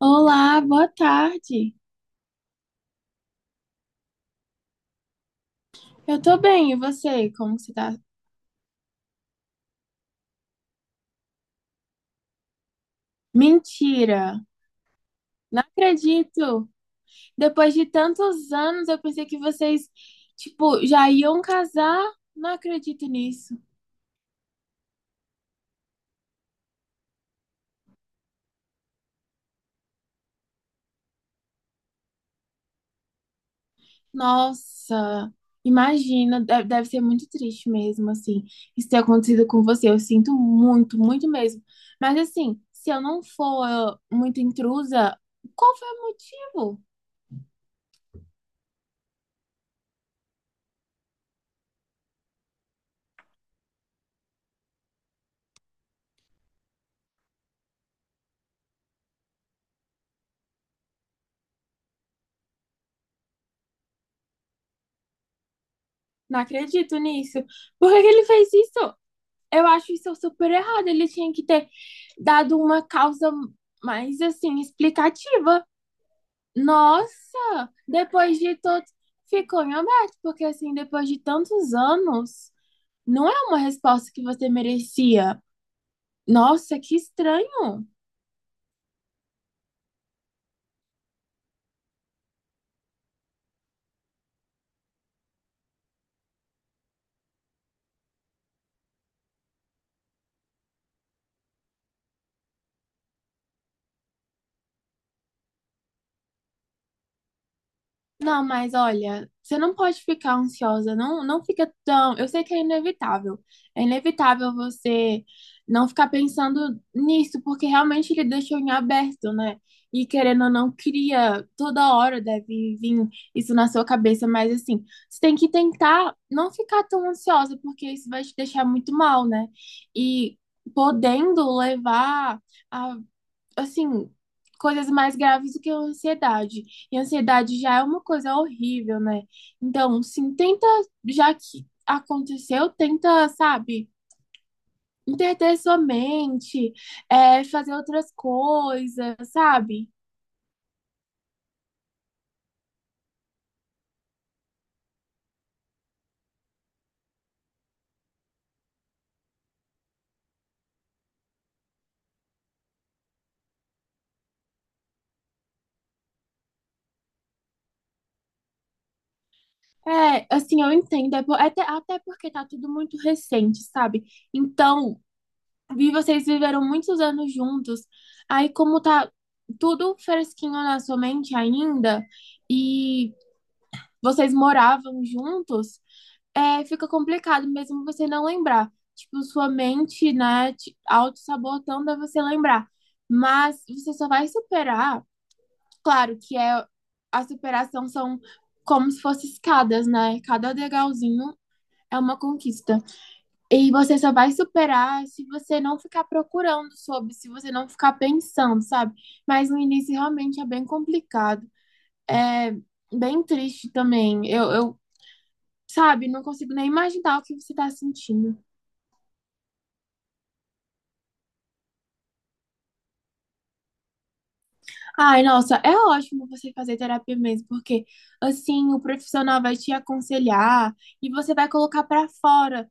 Olá, boa tarde. Eu tô bem, e você? Como que você tá? Mentira! Não acredito! Depois de tantos anos, eu pensei que vocês, tipo, já iam casar. Não acredito nisso. Nossa, imagina, deve ser muito triste mesmo, assim, isso ter acontecido com você. Eu sinto muito, muito mesmo. Mas assim, se eu não for muito intrusa, qual foi o motivo? Não acredito nisso. Por que que ele fez isso? Eu acho isso super errado. Ele tinha que ter dado uma causa mais assim explicativa. Nossa, depois de todo ficou em aberto, porque assim, depois de tantos anos, não é uma resposta que você merecia. Nossa, que estranho. Não, mas olha, você não pode ficar ansiosa, não, não fica tão. Eu sei que é inevitável. É inevitável você não ficar pensando nisso, porque realmente ele deixou em aberto, né? E querendo ou não, cria, toda hora deve vir isso na sua cabeça, mas assim, você tem que tentar não ficar tão ansiosa, porque isso vai te deixar muito mal, né? E podendo levar a, assim, coisas mais graves do que a ansiedade. E a ansiedade já é uma coisa horrível, né? Então, sim, tenta, já que aconteceu, tenta, sabe, interter sua mente, é, fazer outras coisas, sabe? É, assim, eu entendo, é até, até porque tá tudo muito recente, sabe? Então, vi vocês viveram muitos anos juntos, aí como tá tudo fresquinho na sua mente ainda, e vocês moravam juntos, é, fica complicado mesmo você não lembrar. Tipo, sua mente, né, te auto-sabotando a você lembrar. Mas você só vai superar, claro que é a superação são como se fossem escadas, né? Cada degrauzinho é uma conquista. E você só vai superar se você não ficar procurando sobre, se você não ficar pensando, sabe? Mas no início realmente é bem complicado. É bem triste também. Eu, sabe, não consigo nem imaginar o que você tá sentindo. Ai, nossa, é ótimo você fazer terapia mesmo, porque assim o profissional vai te aconselhar e você vai colocar pra fora.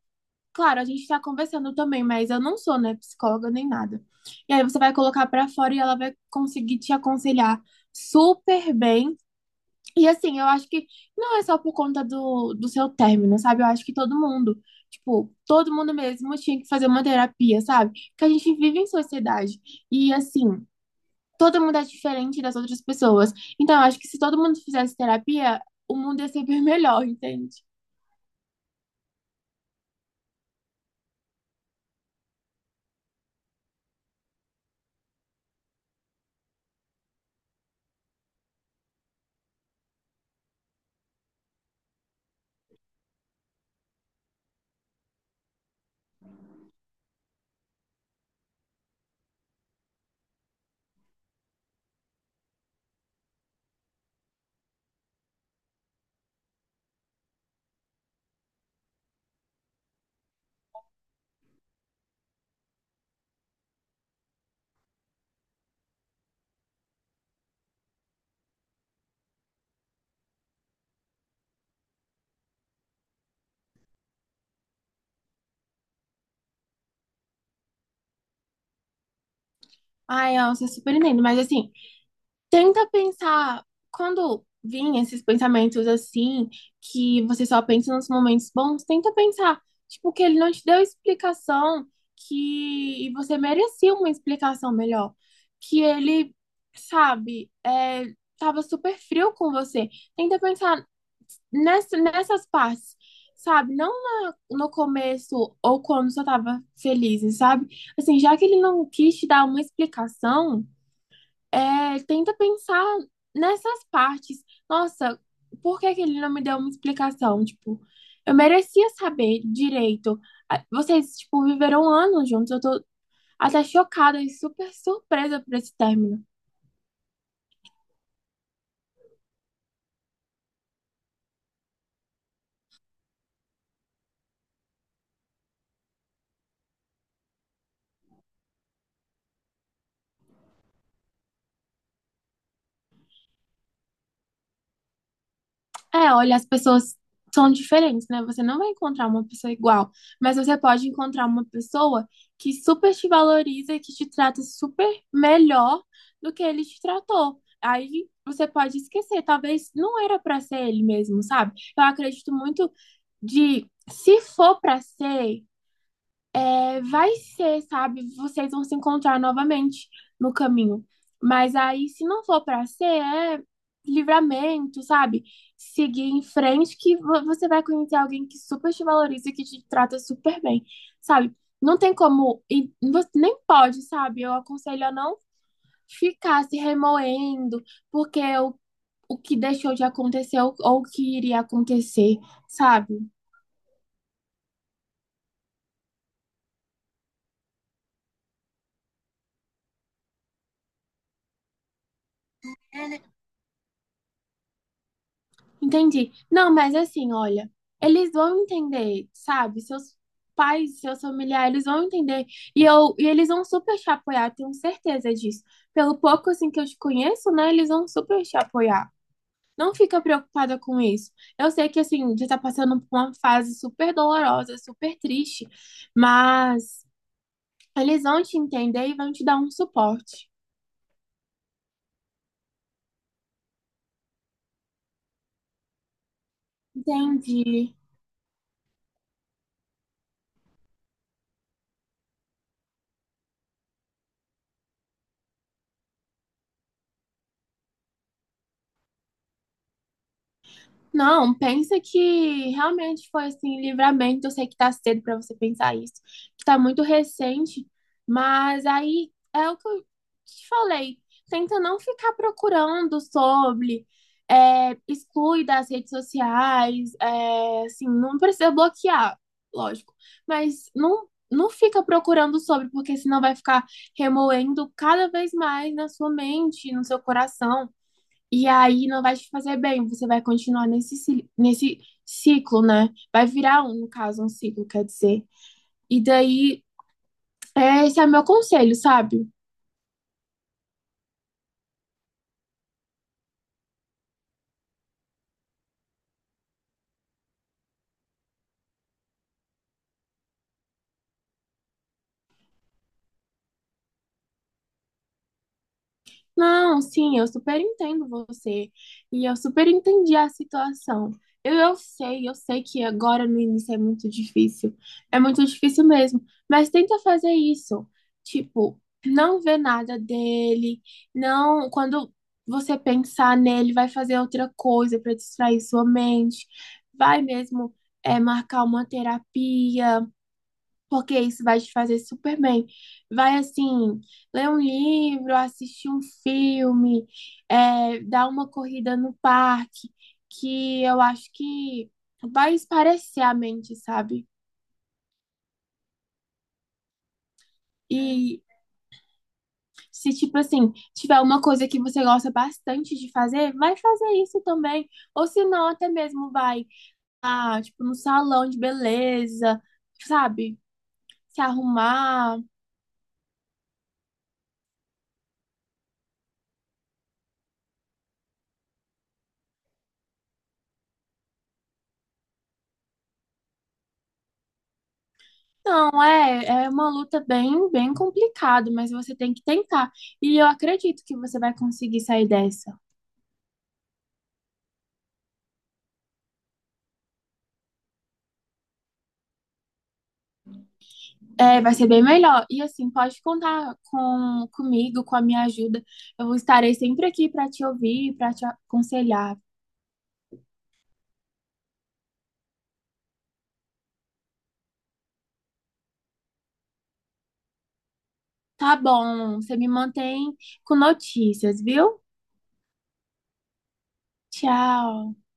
Claro, a gente tá conversando também, mas eu não sou, né, psicóloga nem nada. E aí você vai colocar pra fora e ela vai conseguir te aconselhar super bem. E assim, eu acho que não é só por conta do seu término, sabe? Eu acho que todo mundo, tipo, todo mundo mesmo tinha que fazer uma terapia, sabe? Porque a gente vive em sociedade. E assim, todo mundo é diferente das outras pessoas. Então, eu acho que se todo mundo fizesse terapia, o mundo ia ser bem melhor, entende? Ai, eu, você super entendo. Mas assim, tenta pensar, quando vêm esses pensamentos assim, que você só pensa nos momentos bons, tenta pensar, tipo, que ele não te deu explicação, que e você merecia uma explicação melhor, que ele, sabe, é, tava super frio com você. Tenta pensar nessas partes, sabe? Não no começo ou quando só tava feliz, sabe? Assim, já que ele não quis te dar uma explicação, é, tenta pensar nessas partes. Nossa, por que que ele não me deu uma explicação? Tipo, eu merecia saber direito. Ah, vocês, tipo, viveram anos juntos. Eu tô até chocada e super surpresa por esse término. É, olha, as pessoas são diferentes, né? Você não vai encontrar uma pessoa igual, mas você pode encontrar uma pessoa que super te valoriza e que te trata super melhor do que ele te tratou. Aí você pode esquecer, talvez não era pra ser ele mesmo, sabe? Eu acredito muito de se for pra ser, é, vai ser, sabe? Vocês vão se encontrar novamente no caminho. Mas aí, se não for pra ser, é livramento, sabe? Seguir em frente, que você vai conhecer alguém que super te valoriza e que te trata super bem, sabe? Não tem como, e você nem pode, sabe? Eu aconselho a não ficar se remoendo, porque o que deixou de acontecer ou o que iria acontecer, sabe? Entendi. Não, mas assim, olha, eles vão entender, sabe? Seus pais, seus familiares eles vão entender. E eles vão super te apoiar, tenho certeza disso. Pelo pouco assim que eu te conheço, né? Eles vão super te apoiar. Não fica preocupada com isso. Eu sei que assim, já tá passando por uma fase super dolorosa, super triste, mas eles vão te entender e vão te dar um suporte. Entendi. Não, pensa que realmente foi assim, livramento. Eu sei que tá cedo pra você pensar isso, que tá muito recente, mas aí é o que eu te falei. Tenta não ficar procurando sobre, é, exclui das redes sociais, é, assim, não precisa bloquear, lógico, mas não, não fica procurando sobre, porque senão vai ficar remoendo cada vez mais na sua mente, no seu coração. E aí não vai te fazer bem, você vai continuar nesse, nesse ciclo, né? Vai virar um, no caso, um ciclo, quer dizer. E daí, é, esse é meu conselho, sabe? Não, sim, eu super entendo você e eu super entendi a situação. Eu sei, eu sei que agora no início é muito difícil mesmo, mas tenta fazer isso. Tipo, não ver nada dele, não, quando você pensar nele, vai fazer outra coisa para distrair sua mente, vai mesmo é, marcar uma terapia, porque isso vai te fazer super bem. Vai, assim, ler um livro, assistir um filme, é, dar uma corrida no parque, que eu acho que vai esparecer a mente, sabe? E se, tipo assim, tiver uma coisa que você gosta bastante de fazer, vai fazer isso também. Ou se não, até mesmo vai, ah, tipo, no salão de beleza, sabe? Se arrumar. Não, é, é uma luta bem, bem complicada, mas você tem que tentar. E eu acredito que você vai conseguir sair dessa. É, vai ser bem melhor. E assim, pode contar comigo, com a minha ajuda. Eu estarei sempre aqui para te ouvir, para te aconselhar. Tá bom, você me mantém com notícias, viu? Tchau.